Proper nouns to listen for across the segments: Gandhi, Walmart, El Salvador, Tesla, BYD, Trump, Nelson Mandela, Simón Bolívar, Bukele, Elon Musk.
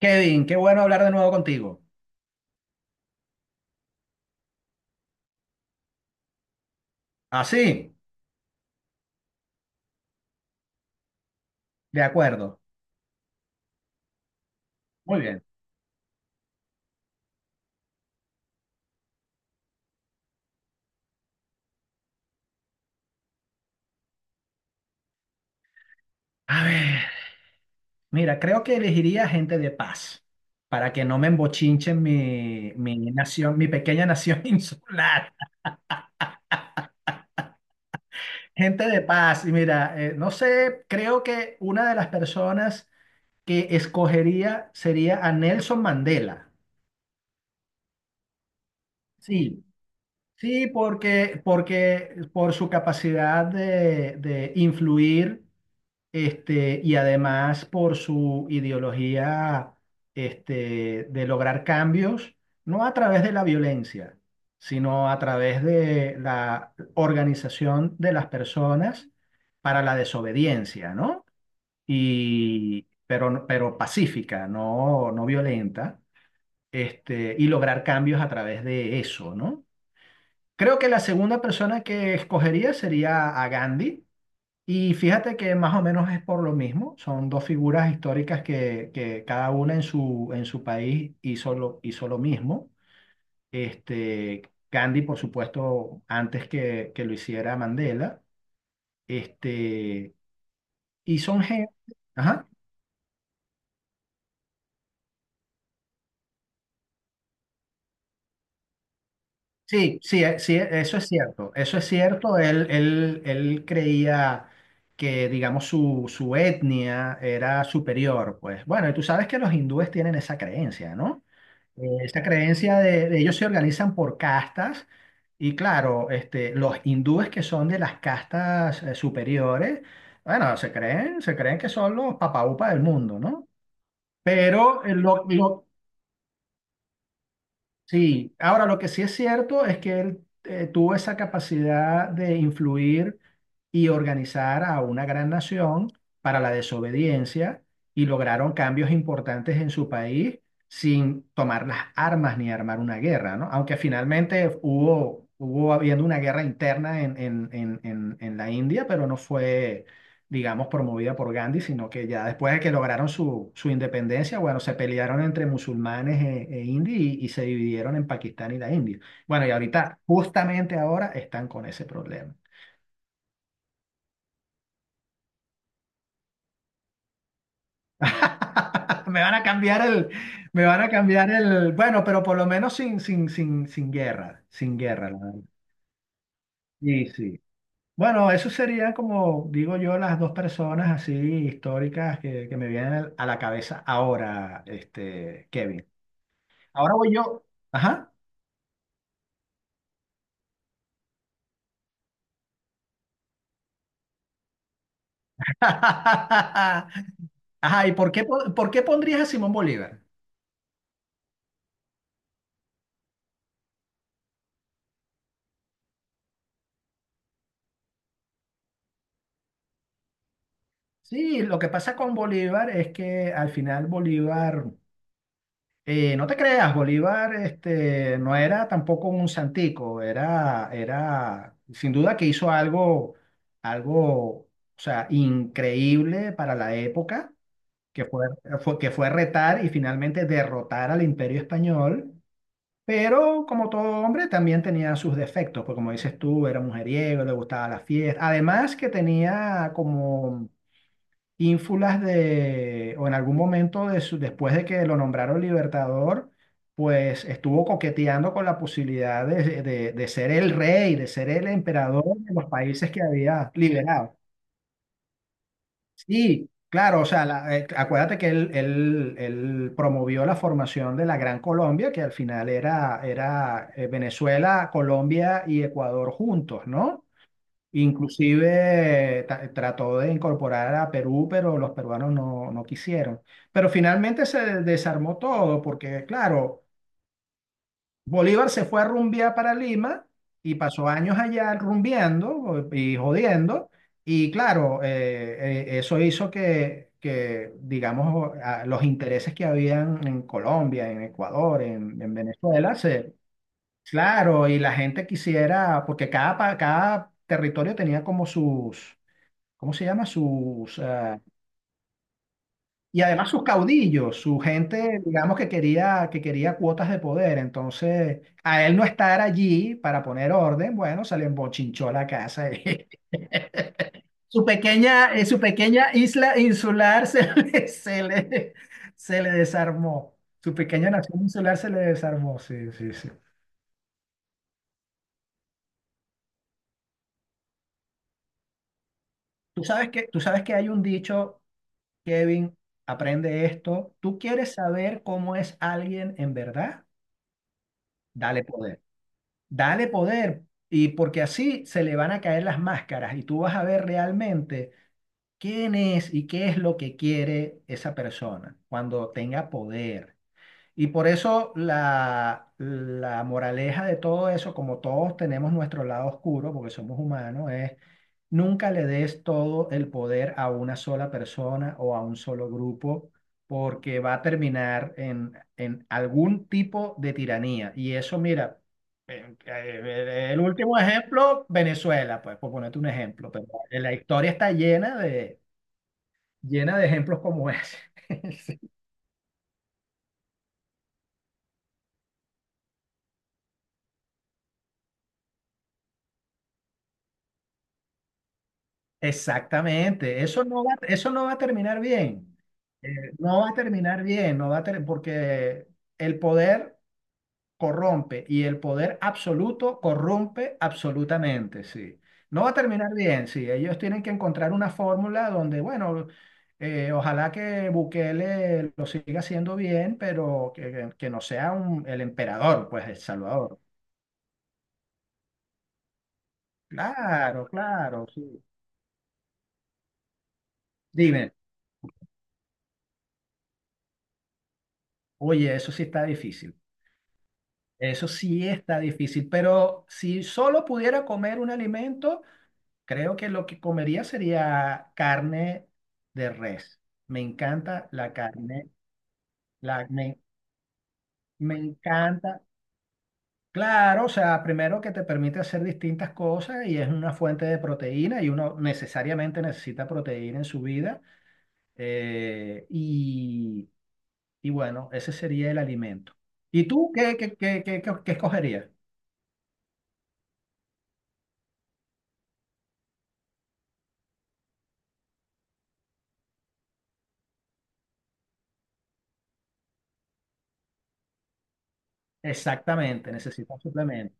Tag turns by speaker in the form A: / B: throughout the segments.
A: Kevin, qué bueno hablar de nuevo contigo. Así, de acuerdo. Muy bien. A ver, mira, creo que elegiría gente de paz para que no me embochinchen mi nación, mi pequeña nación insular. Gente de paz. Y mira, no sé, creo que una de las personas que escogería sería a Nelson Mandela. Sí, sí, porque por su capacidad de influir. Y además por su ideología, de lograr cambios, no a través de la violencia, sino a través de la organización de las personas para la desobediencia, ¿no? Y pero, no, pero pacífica, no, no violenta, y lograr cambios a través de eso, ¿no? Creo que la segunda persona que escogería sería a Gandhi, y fíjate que más o menos es por lo mismo, son dos figuras históricas que cada una en su país hizo lo mismo. Este, Gandhi, por supuesto, antes que lo hiciera Mandela. Este, y son gente... Ajá. Sí, sí, sí, eso es cierto, eso es cierto. Él creía que, digamos, su etnia era superior. Pues bueno, y tú sabes que los hindúes tienen esa creencia, ¿no? Esa creencia de ellos, se organizan por castas y claro, los hindúes que son de las castas superiores, bueno, se creen que son los papaupa del mundo, ¿no? Pero eh, lo, lo- Sí, ahora lo que sí es cierto es que él tuvo esa capacidad de influir y organizar a una gran nación para la desobediencia, y lograron cambios importantes en su país sin tomar las armas ni armar una guerra, ¿no? Aunque finalmente hubo habiendo una guerra interna en la India, pero no fue, digamos, promovida por Gandhi, sino que ya después de que lograron su independencia, bueno, se pelearon entre musulmanes e indios, y se dividieron en Pakistán y la India. Bueno, y ahorita, justamente ahora, están con ese problema. Me van a cambiar el, me van a cambiar el, bueno, pero por lo menos sin guerra, la verdad. Sí, sí. Bueno, eso serían, como digo yo, las dos personas así históricas que me vienen a la cabeza ahora, Kevin. Ahora voy yo. Ajá. Ajá, ¿y por qué, por qué pondrías a Simón Bolívar? Sí, lo que pasa con Bolívar es que al final Bolívar, no te creas, Bolívar, no era tampoco un santico, era, era sin duda que hizo algo, algo, o sea, increíble para la época, que fue, que fue retar y finalmente derrotar al Imperio Español. Pero como todo hombre también tenía sus defectos, porque como dices tú, era mujeriego, le gustaba la fiesta. Además que tenía como ínfulas de, o en algún momento de después de que lo nombraron libertador, pues estuvo coqueteando con la posibilidad de, de ser el rey, de ser el emperador de los países que había liberado. Sí, claro, o sea, acuérdate que él él promovió la formación de la Gran Colombia, que al final era, era Venezuela, Colombia y Ecuador juntos, ¿no? Inclusive trató de incorporar a Perú, pero los peruanos no, no quisieron. Pero finalmente se desarmó todo, porque claro, Bolívar se fue a rumbear para Lima y pasó años allá rumbeando y jodiendo. Y claro, eso hizo que, digamos, los intereses que habían en Colombia, en Ecuador, en Venezuela, se, claro, y la gente quisiera, porque cada, cada territorio tenía como sus, ¿cómo se llama? Sus, y además sus caudillos, su gente, digamos, que quería cuotas de poder. Entonces, a él no estar allí para poner orden, bueno, se le embochinchó la casa. Su pequeña isla insular se le, se le desarmó. Su pequeña nación insular se le desarmó. Sí, sí, sí. Tú sabes que hay un dicho, Kevin, aprende esto. ¿Tú quieres saber cómo es alguien en verdad? Dale poder. Dale poder, y porque así se le van a caer las máscaras y tú vas a ver realmente quién es y qué es lo que quiere esa persona cuando tenga poder. Y por eso la moraleja de todo eso, como todos tenemos nuestro lado oscuro, porque somos humanos, es nunca le des todo el poder a una sola persona o a un solo grupo, porque va a terminar en algún tipo de tiranía. Y eso, mira, el último ejemplo, Venezuela, pues, por ponerte un ejemplo, pero la historia está llena de ejemplos como ese. Exactamente, eso no va a terminar bien. Eh, no va a terminar bien, no va a ter- porque el poder corrompe y el poder absoluto corrompe absolutamente, sí. No va a terminar bien, sí. Ellos tienen que encontrar una fórmula donde, bueno, ojalá que Bukele lo siga haciendo bien, pero que no sea el emperador, pues, El Salvador. Claro, claro, sí. Dime, oye, eso sí está difícil. Eso sí está difícil, pero si solo pudiera comer un alimento, creo que lo que comería sería carne de res. Me encanta la carne, la, me, me encanta. Claro, o sea, primero que te permite hacer distintas cosas y es una fuente de proteína y uno necesariamente necesita proteína en su vida. eh, y, y bueno, ese sería el alimento. ¿Y tú qué escogerías? Exactamente, necesitas suplementos.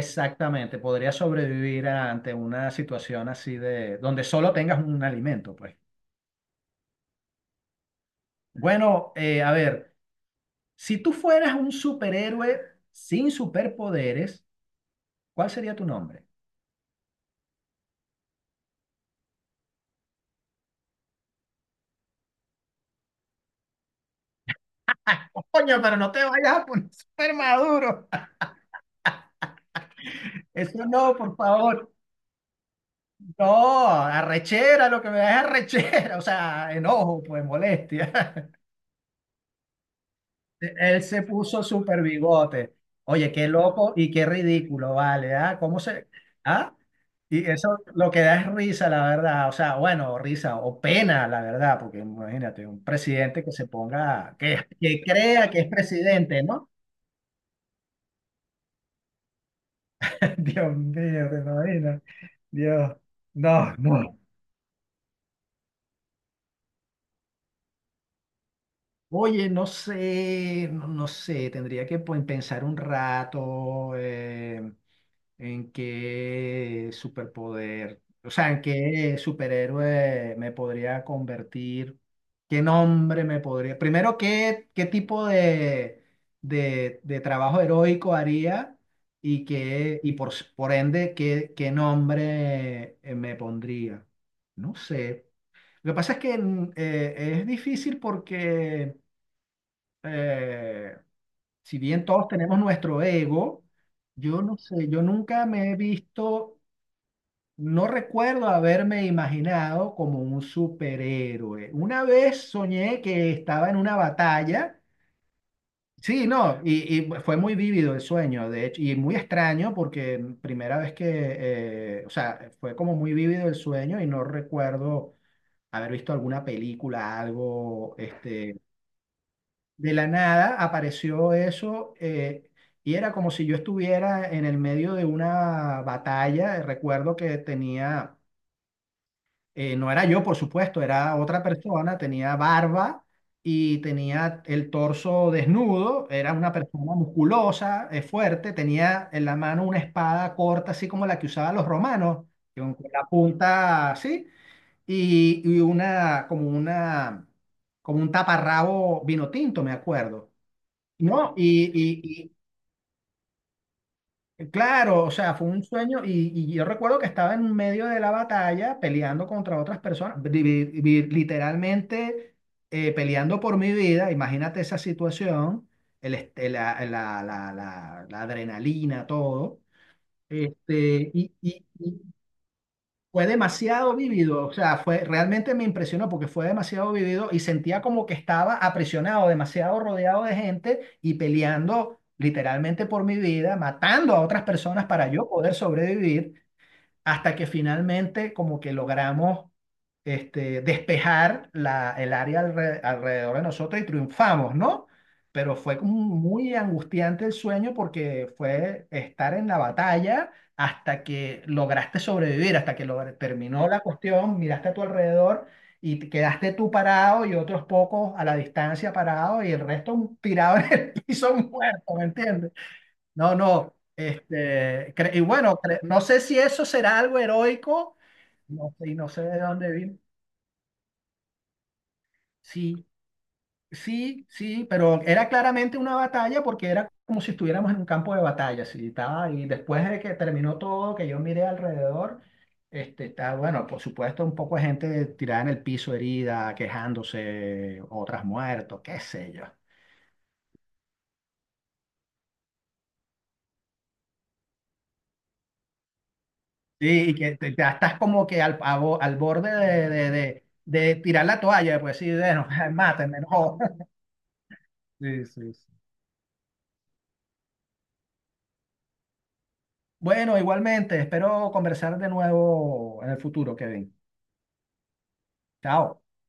A: Exactamente, podría sobrevivir ante una situación así de donde solo tengas un alimento, pues. Bueno, a ver, si tú fueras un superhéroe sin superpoderes, ¿cuál sería tu nombre? ¡Ah, coño, pero no te vayas a poner super maduro! Eso no, por favor. No, arrechera, lo que me da es arrechera, o sea, enojo, pues molestia. Él se puso super bigote. Oye, qué loco y qué ridículo, vale, ¿ah? ¿Cómo se...? ¿Ah? Y eso lo que da es risa, la verdad. O sea, bueno, o risa o pena, la verdad, porque imagínate, un presidente que se ponga, que crea que es presidente, ¿no? Dios mío, te imaginas. Dios, no, no. Oye, no sé, tendría que, pues, pensar un rato. ¿En qué superpoder, o sea, en qué superhéroe me podría convertir? ¿Qué nombre me podría... Primero, ¿qué tipo de trabajo heroico haría? Y, qué, y por, por ende, ¿qué nombre me pondría? No sé. Lo que pasa es que es difícil porque eh, si bien todos tenemos nuestro ego, yo no sé, yo nunca me he visto, no recuerdo haberme imaginado como un superhéroe. Una vez soñé que estaba en una batalla. Sí, no, y fue muy vívido el sueño, de hecho, y muy extraño porque primera vez que, o sea, fue como muy vívido el sueño y no recuerdo haber visto alguna película, algo, de la nada apareció eso, y era como si yo estuviera en el medio de una batalla. Recuerdo que tenía, no era yo, por supuesto, era otra persona, tenía barba y tenía el torso desnudo, era una persona musculosa, fuerte, tenía en la mano una espada corta, así como la que usaban los romanos, con la punta así, y una, como un taparrabo vino tinto, me acuerdo. No, y- claro, o sea, fue un sueño, y yo recuerdo que estaba en medio de la batalla peleando contra otras personas, literalmente peleando por mi vida, imagínate esa situación, el, este- la- la- la- la adrenalina, todo, este, y, y- y- Fue demasiado vivido, o sea, fue, realmente me impresionó porque fue demasiado vivido y sentía como que estaba aprisionado, demasiado rodeado de gente y peleando literalmente por mi vida, matando a otras personas para yo poder sobrevivir, hasta que finalmente como que logramos, despejar la, el área alrededor de nosotros, y triunfamos, ¿no? Pero fue como muy angustiante el sueño, porque fue estar en la batalla hasta que lograste sobrevivir, hasta que terminó la cuestión, miraste a tu alrededor y te quedaste tú parado y otros pocos a la distancia parados y el resto tirado en el piso, muerto, ¿me entiendes? No, no. Y bueno, no sé si eso será algo heroico, no sé, y no sé de dónde vino. Sí, sí, sí, pero era claramente una batalla porque era como si estuviéramos en un campo de batalla, sí, estaba, y después de que terminó todo, que yo miré alrededor, está, bueno, por supuesto, un poco de gente tirada en el piso, herida, quejándose, otras muertos, qué sé yo. Sí, y que te, estás como que al, al borde de tirar la toalla, pues sí, bueno, mátenme, no. Sí, sí, sí. Bueno, igualmente, espero conversar de nuevo en el futuro, Kevin. Chao.